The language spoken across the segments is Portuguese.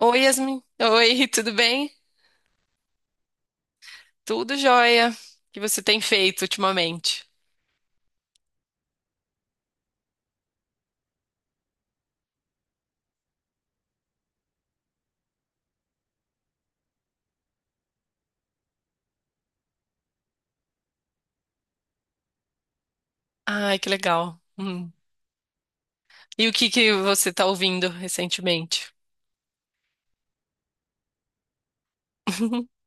Oi, Yasmin. Oi, tudo bem? Tudo jóia. O que você tem feito ultimamente? Ai, que legal. Hum. E o que que você tá ouvindo recentemente?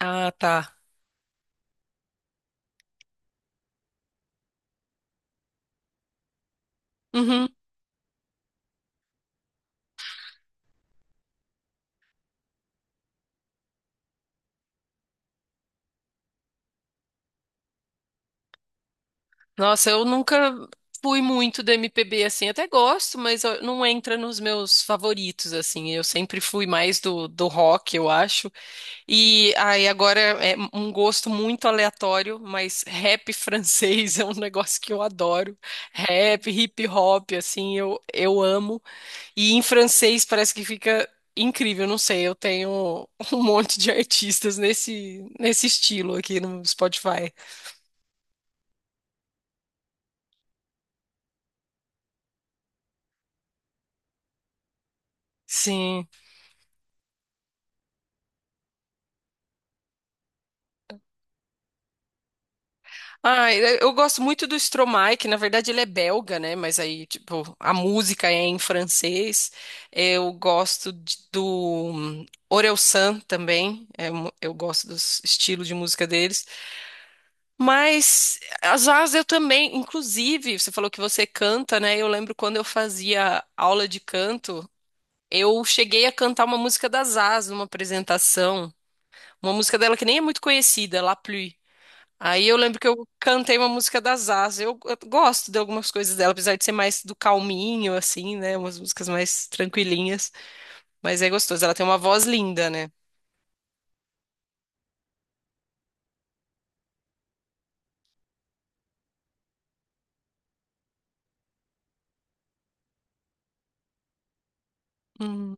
Ah, tá. Uhum. Nossa, eu nunca fui muito do MPB assim. Até gosto, mas não entra nos meus favoritos assim. Eu sempre fui mais do rock, eu acho. E aí agora é um gosto muito aleatório, mas rap francês é um negócio que eu adoro. Rap, hip hop, assim, eu amo. E em francês parece que fica incrível, não sei, eu tenho um monte de artistas nesse estilo aqui no Spotify. Sim. Ah, eu gosto muito do Stromae, que na verdade ele é belga, né? Mas aí, tipo, a música é em francês. Eu gosto do Orelsan também. Eu gosto dos estilos de música deles. Mas às vezes eu também, inclusive, você falou que você canta, né? Eu lembro quando eu fazia aula de canto, eu cheguei a cantar uma música da Zaz numa apresentação. Uma música dela que nem é muito conhecida, La Pluie. Aí eu lembro que eu cantei uma música da Zaza. Eu gosto de algumas coisas dela, apesar de ser mais do calminho, assim, né? Umas músicas mais tranquilinhas. Mas é gostoso. Ela tem uma voz linda, né? Hum.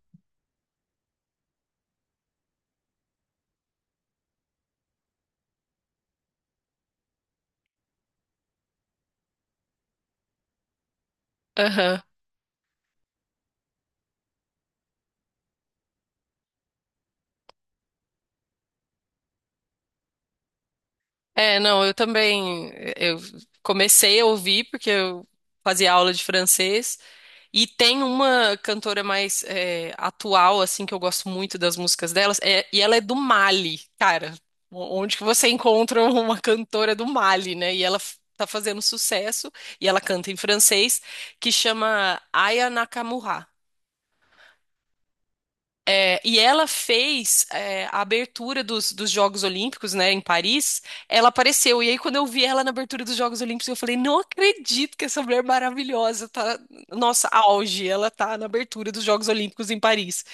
Aham. É, não, eu também. Eu comecei a ouvir porque eu fazia aula de francês. E tem uma cantora mais é, atual, assim, que eu gosto muito das músicas delas, e ela é do Mali, cara. Onde que você encontra uma cantora do Mali, né? E ela tá fazendo sucesso, e ela canta em francês, que chama Aya Nakamura. E ela fez é, a abertura dos Jogos Olímpicos, né, em Paris. Ela apareceu. E aí, quando eu vi ela na abertura dos Jogos Olímpicos, eu falei: não acredito que essa mulher maravilhosa tá. Nossa, auge! Ela tá na abertura dos Jogos Olímpicos em Paris.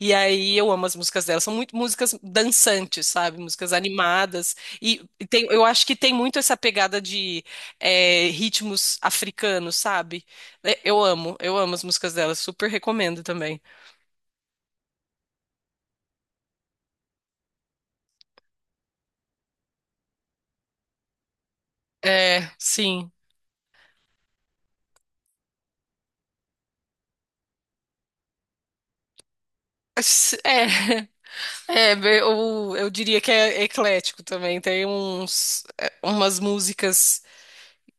E aí, eu amo as músicas dela. São muito músicas dançantes, sabe? Músicas animadas. E tem, eu acho que tem muito essa pegada de é, ritmos africanos, sabe? É, eu amo, eu amo as músicas dela. Super recomendo também. É, sim. É, é, eu diria que é eclético também. Tem uns, é, umas músicas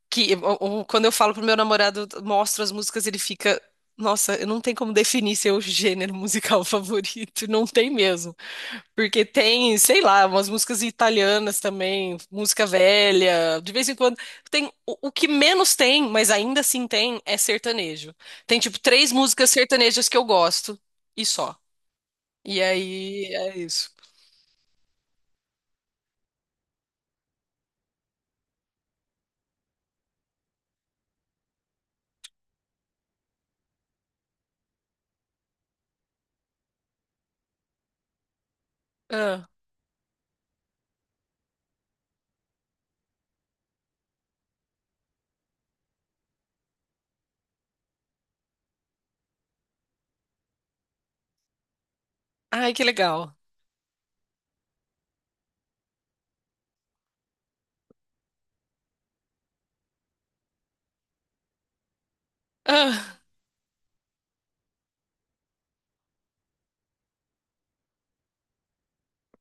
que, quando eu falo pro meu namorado, eu mostro as músicas, ele fica, nossa, eu não tem como definir seu gênero musical favorito, não tem mesmo. Porque tem, sei lá, umas músicas italianas também, música velha, de vez em quando. Tem, o que menos tem, mas ainda assim tem, é sertanejo. Tem, tipo, três músicas sertanejas que eu gosto, e só. E aí é isso. Ah, ai, que legal. Ah,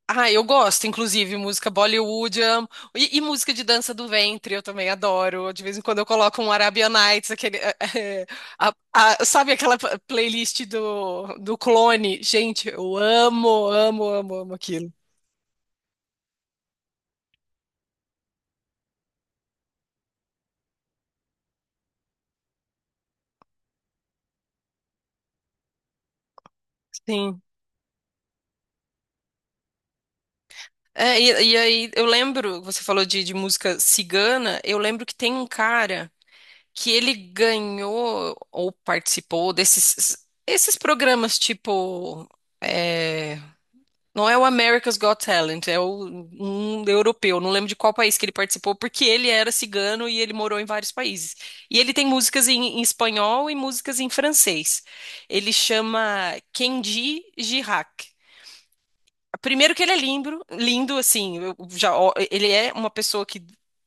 ah, eu gosto, inclusive, música Bollywood, eu amo. E música de dança do ventre, eu também adoro. De vez em quando eu coloco um Arabian Nights, aquele, sabe aquela playlist do Clone? Gente, eu amo, amo, amo, amo aquilo. Sim. É, e aí, eu lembro, você falou de música cigana, eu lembro que tem um cara. Que ele ganhou ou participou desses esses programas tipo é, não é o America's Got Talent, um europeu, não lembro de qual país que ele participou, porque ele era cigano e ele morou em vários países. E ele tem músicas em espanhol e músicas em francês. Ele chama Kenji Girac. Primeiro que ele é lindo, lindo, assim, eu já, ó, ele é uma pessoa que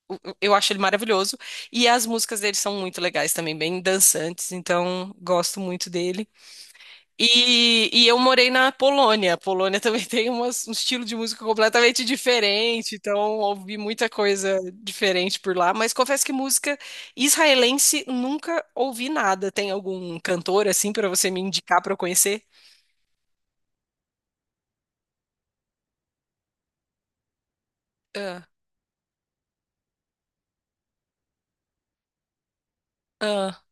eu acho ele maravilhoso, e as músicas dele são muito legais também, bem dançantes, então gosto muito dele. E eu morei na Polônia. A Polônia também tem um estilo de música completamente diferente, então ouvi muita coisa diferente por lá. Mas confesso que música israelense nunca ouvi nada. Tem algum cantor assim para você me indicar para eu conhecer? Ah, ah,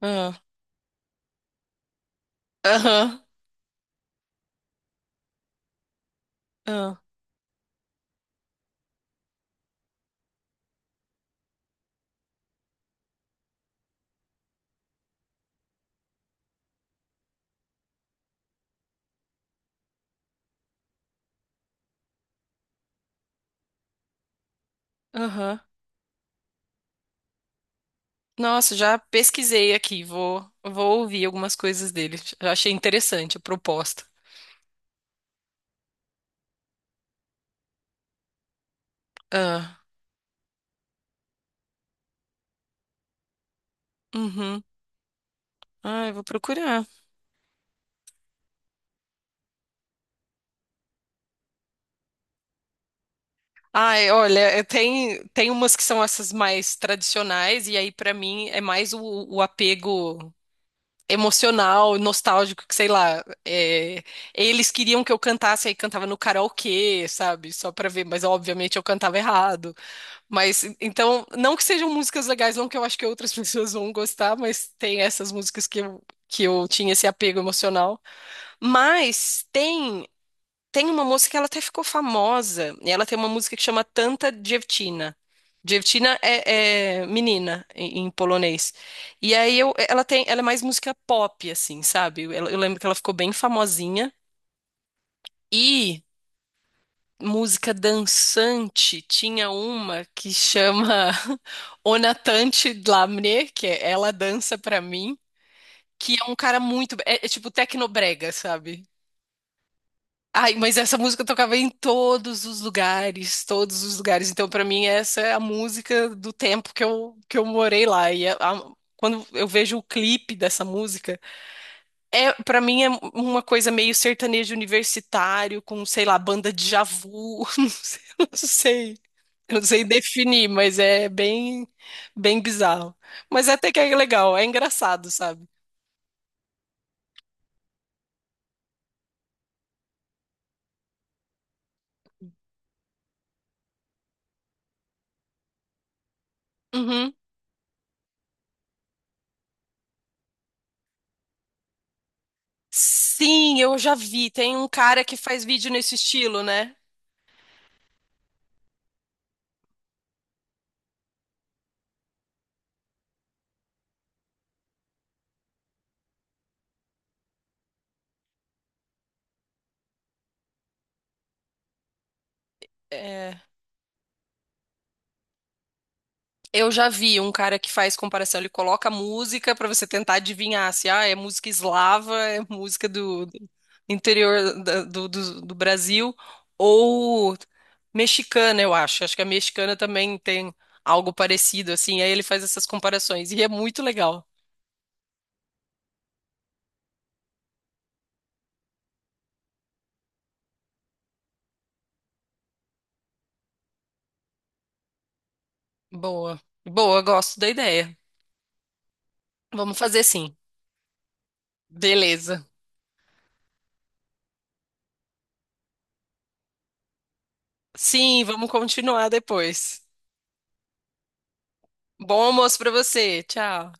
ah, aham, aham. Aham. Nossa, já pesquisei aqui. Vou, vou ouvir algumas coisas dele. Já achei interessante a proposta. Ah, uhum. Ah, eu vou procurar. Ai, olha, é, tem, tem umas que são essas mais tradicionais, e aí pra mim é mais o apego emocional, nostálgico, que sei lá. É, eles queriam que eu cantasse, aí cantava no karaokê, sabe? Só pra ver, mas obviamente eu cantava errado. Mas então, não que sejam músicas legais, não que eu acho que outras pessoas vão gostar, mas tem essas músicas que que eu tinha esse apego emocional. Mas tem uma moça que ela até ficou famosa, e ela tem uma música que chama Tanta Dziewczyna. Dziewczyna é, é menina em polonês. E aí eu, ela tem, ela é mais música pop assim, sabe? Eu lembro que ela ficou bem famosinha. E música dançante, tinha uma que chama O Natante Lamné, que é Ela Dança Pra Mim, que é um cara muito. É, é tipo tecnobrega, sabe? Ai, mas essa música eu tocava em todos os lugares, todos os lugares. Então, pra mim, essa é a música do tempo que que eu morei lá. E quando eu vejo o clipe dessa música, é, para mim é uma coisa meio sertanejo universitário, com, sei lá, banda de Djavu, não sei. Eu não sei definir, mas é bem, bem bizarro. Mas até que é legal, é engraçado, sabe? Uhum. Sim, eu já vi. Tem um cara que faz vídeo nesse estilo, né? É, eu já vi um cara que faz comparação. Ele coloca música pra você tentar adivinhar se ah, é música eslava, é música do interior do Brasil ou mexicana, eu acho. Acho que a mexicana também tem algo parecido, assim. Aí ele faz essas comparações e é muito legal. Boa. Boa, gosto da ideia. Vamos fazer sim. Beleza. Sim, vamos continuar depois. Bom almoço pra você. Tchau.